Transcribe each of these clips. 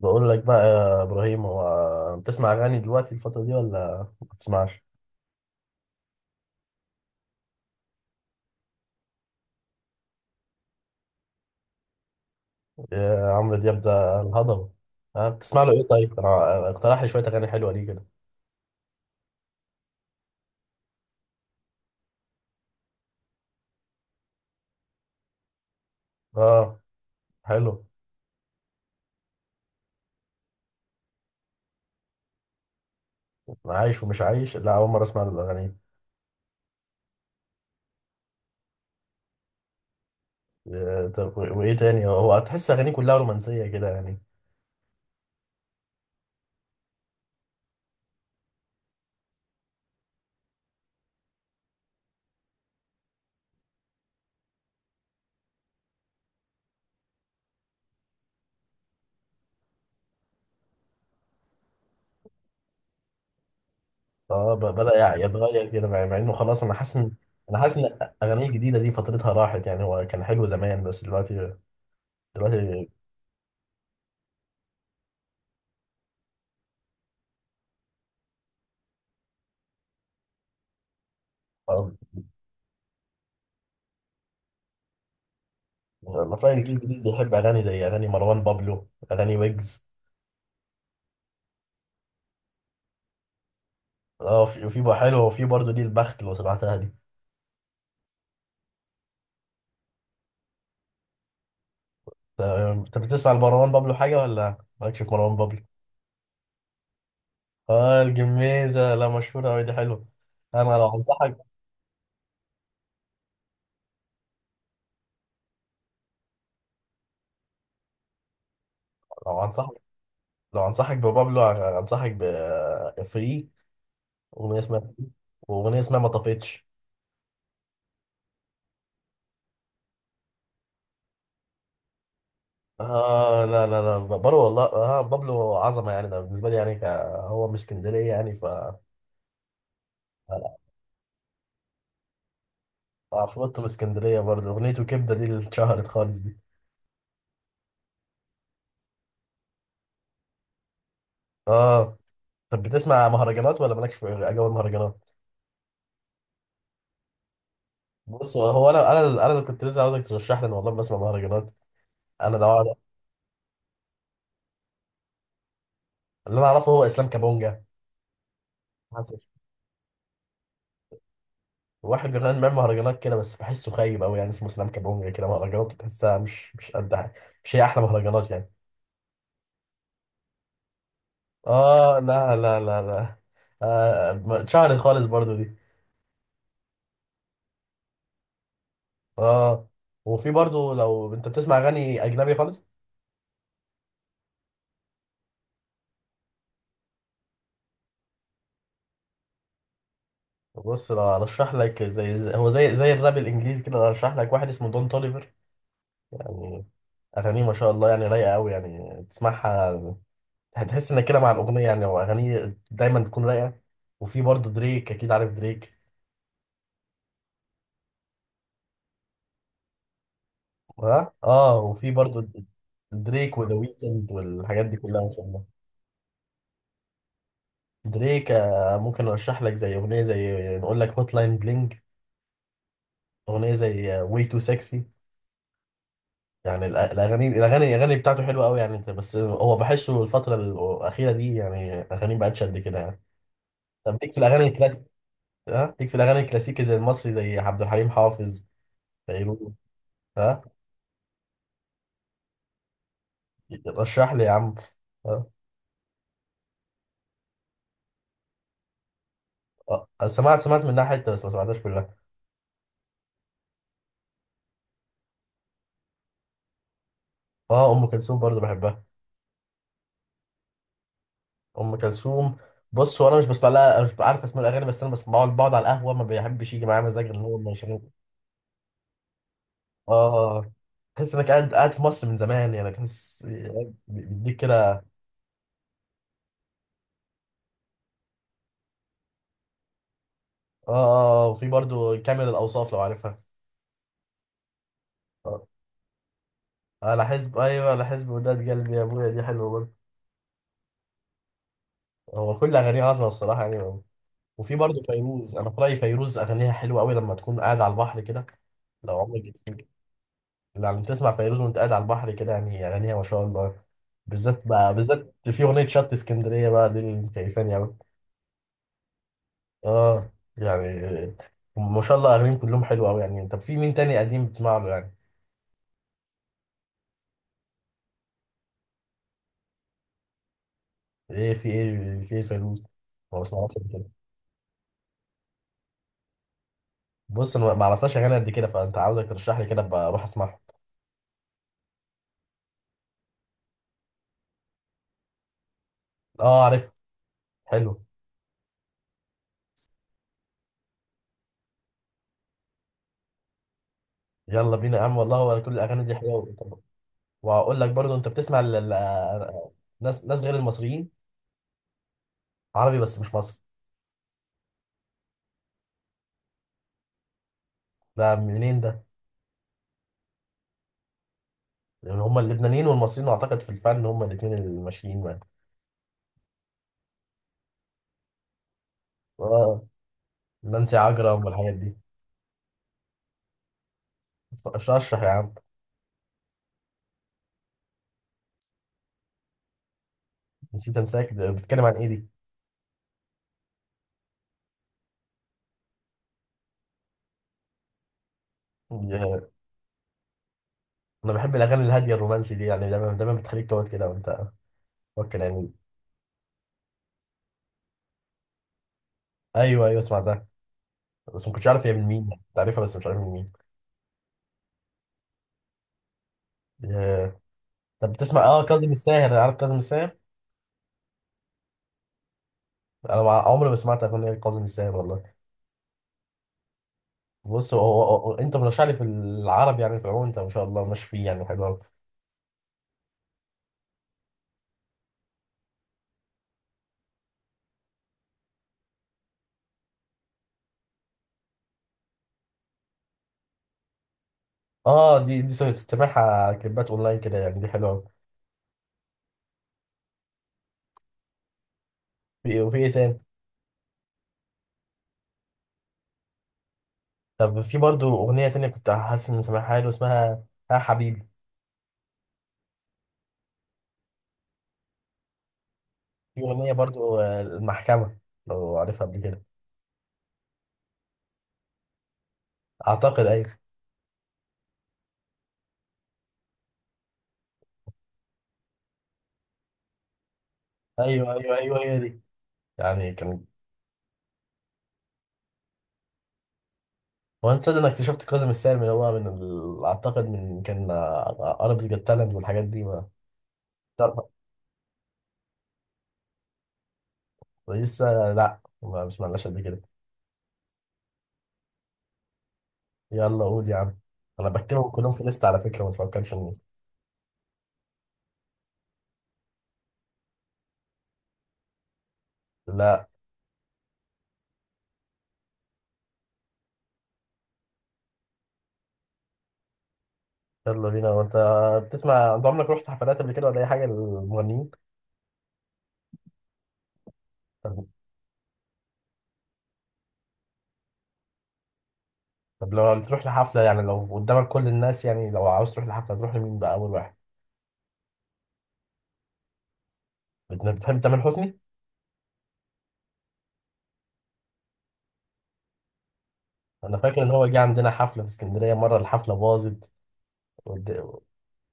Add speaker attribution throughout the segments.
Speaker 1: بقول لك بقى يا ابراهيم، هو بتسمع اغاني دلوقتي الفتره دي ولا ما بتسمعش؟ يا عمرو دياب ده الهضبه. ها بتسمع له ايه؟ طيب انا اقترح لي شويه اغاني حلوه ليه كده. اه حلو. عايش ومش عايش، لا اول مره اسمع له الاغاني. طب وايه تاني؟ هو تحس اغانيه كلها رومانسيه كده يعني؟ اه، بدا يتغير كده، مع انه خلاص. انا حاسس ان انا حاسس ان اغانيه الجديده دي فترتها راحت، يعني هو كان حلو زمان بس دلوقتي دلوقتي. آه، الرأي، الجيل الجديد بيحب أغاني زي أغاني مروان بابلو، أغاني ويجز. اه في بقى حلو، وفي برضه دي البخت لو سمعتها دي. انت بتسمع لمروان بابلو حاجة ولا مالكش في مروان بابلو؟ اه الجميزة، لا مشهورة أوي دي، حلوة. أنا لو أنصحك، لو أنصحك، لو أنصحك ببابلو، أنصحك بفري، أغنية اسمها فري، وأغنية اسمها ما طفتش. اه لا لا لا بابلو والله، اه بابلو عظمة يعني، ده بالنسبة لي يعني هو من اسكندرية يعني، ف عفروتو من اسكندرية برضه، أغنيته كبدة دي اللي اتشهرت خالص دي. اه طب بتسمع مهرجانات ولا مالكش في أجواء المهرجانات؟ بص هو أنا اللي كنت لسه عاوزك ترشح لي، أنا والله بسمع مهرجانات. أنا لو أعرف- اللي أنا أعرفه هو إسلام كابونجا. حصل. واحد جربان بيعمل مهرجانات كده، بس بحسه خايب أوي يعني، اسمه إسلام كابونجا كده، مهرجانات تحسها مش قد حاجة، مش هي أحلى مهرجانات يعني. اه لا لا لا لا. اتشهرت خالص برضه دي. اه وفي برضه لو أنت بتسمع أغاني أجنبي خالص. بص لو ارشح لك زي هو زي الراب الانجليزي كده، لو ارشح لك واحد اسمه دون توليفر يعني. اغانيه ما شاء الله يعني، رايقه قوي يعني تسمعها، هتحس انك كده مع الاغنيه يعني، واغانيه دايما بتكون رايقه. وفي برضه دريك، اكيد عارف دريك. ها اه، وفي برضه دريك وذا ويكند والحاجات دي كلها ما شاء الله. دريك ممكن ارشح لك زي اغنيه زي، نقول لك هوت لاين بلينج، اغنيه زي واي تو سكسي يعني. الاغاني بتاعته حلوه قوي يعني، انت بس هو بحسه الفتره الاخيره دي يعني اغاني بقتش قد كده يعني. طب ليك في الاغاني الكلاسيك؟ ها ليك في الاغاني الكلاسيكي زي المصري، زي عبد الحليم حافظ، فيروز؟ ها رشح لي يا عم. ها سمعت منها حته بس ما سمعتهاش كلها. اه ام كلثوم برضه بحبها. ام كلثوم، بص هو انا مش بسمع لها، مش عارف اسماء الاغاني، بس انا بس بقعد على القهوه، ما بيحبش يجي معايا مزاج ان هو ما يشغل. اه تحس انك قاعد قاعد في مصر من زمان، يعني تحس إيه، بيديك كده. اه اه، وفي برضو كامل الأوصاف لو عارفها. اه على حزب، أيوة على حزب وداد، قلبي يا أبويا دي حلوة برضو. هو كل أغانيه عظمة الصراحة يعني. وفي برضو فيروز، أنا في رأيي فيروز أغانيها حلوة أوي لما تكون قاعد على البحر كده، لو عمرك جيت. لما تسمع فيروز وأنت قاعد على البحر كده، يعني أغانيها ما شاء الله. بالذات بقى، بالذات في أغنية شط اسكندرية بقى، دي اللي مكيفاني أوي. اه يعني ما شاء الله أغانيهم كلهم حلوة أوي يعني. طب في مين تاني قديم بتسمع له يعني؟ إيه فيروز؟ ما بسمعوش. بص انا ما اعرفهاش اغاني قد كده، فانت عاوزك ترشح لي كده ابقى اروح اسمعها. اه عارف، حلو. يلا بينا يا عم والله، هو كل الاغاني دي حلوه. وهقول لك برضو، انت بتسمع ناس غير المصريين، عربي بس مش مصري؟ ده منين ده؟ لان هم اللبنانيين والمصريين اعتقد في الفن هم الاثنين الماشيين معاك. اه نانسي عجرم والحاجات دي. رشح يا عم. نسيت انساك ده بتتكلم عن ايه دي؟ انا بحب الاغاني الهاديه الرومانسي دي يعني، دايما دايما بتخليك تقعد كده وانت فكر يعني. ايوه ايوه سمعتها، بس ما كنتش عارف هي من مين، كنت عارفها بس مش عارف من مين. آه، طب بتسمع كاظم الساهر؟ عارف كاظم الساهر؟ انا عمري ما سمعت اغنيه كاظم الساهر والله. بص هو انت مرشح لي في العربي يعني، في العموم انت ما شاء الله ماشي فيه يعني، حلو قوي. اه دي سامعها كليبات اونلاين كده يعني، دي حلوه قوي. وفي ايه تاني؟ طب في برضو اغنيه تانية كنت حاسس ان سامعها حلو، اسمها ها حبيبي. في اغنيه برضو المحكمه، لو عارفها قبل كده. اعتقد ايوه. ايوه، ايوه، ايوه، هي دي يعني، كان. هو انت تصدق انك اكتشفت كاظم الساهر من هو اعتقد من كان اربس جت تالنت والحاجات دي، ما. لا، لسه، لا ما سمعناش قد كده. يلا قول يا عم، انا بكتبهم كلهم في ليست على فكره، ما تفكرش إني. لا. يلا بينا، وانت بتسمع، انت عمرك رحت حفلات قبل كده ولا اي حاجه للمغنيين؟ طب. طب لو تروح لحفله يعني، لو قدامك كل الناس يعني، لو عاوز تروح لحفله تروح لمين بقى اول واحد؟ بتحب تامر حسني؟ انا فاكر ان هو جه عندنا حفله في اسكندريه مره، الحفله باظت.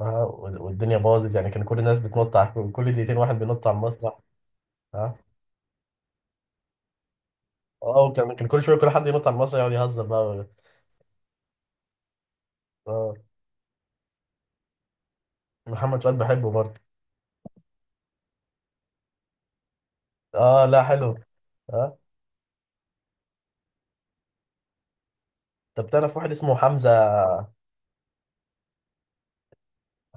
Speaker 1: اه والدنيا باظت يعني، كان كل الناس بتنط على، كل دقيقتين واحد بينط على المسرح. اه. اه، وكان كل شويه كل حد ينط على المسرح يقعد يهزر بقى. اه محمد فؤاد بحبه برضه. اه لا حلو. اه. طب تعرف واحد اسمه حمزه؟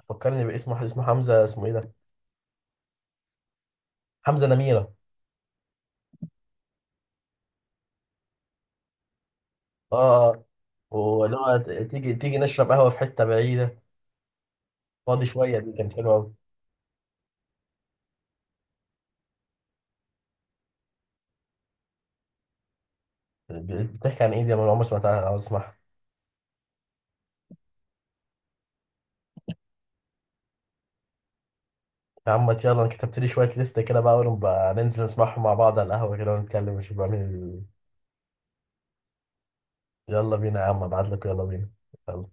Speaker 1: فكرني باسم واحد اسمه حمزه، اسمه ايه ده، حمزه نميره. اه اه، واللي هو تيجي نشرب قهوه في حته بعيده، فاضي شويه، دي كانت حلوه قوي. بتحكي عن ايه دي؟ انا عمري ما سمعتها او اسمعها. يا عم يلا، انا كتبت لي شويه ليست كده بقى، ونبقى ننزل نسمعهم مع بعض على القهوه كده ونتكلم ونشوف بقى مين. يلا بينا يا عم، ابعت لك، يلا بينا. يلا.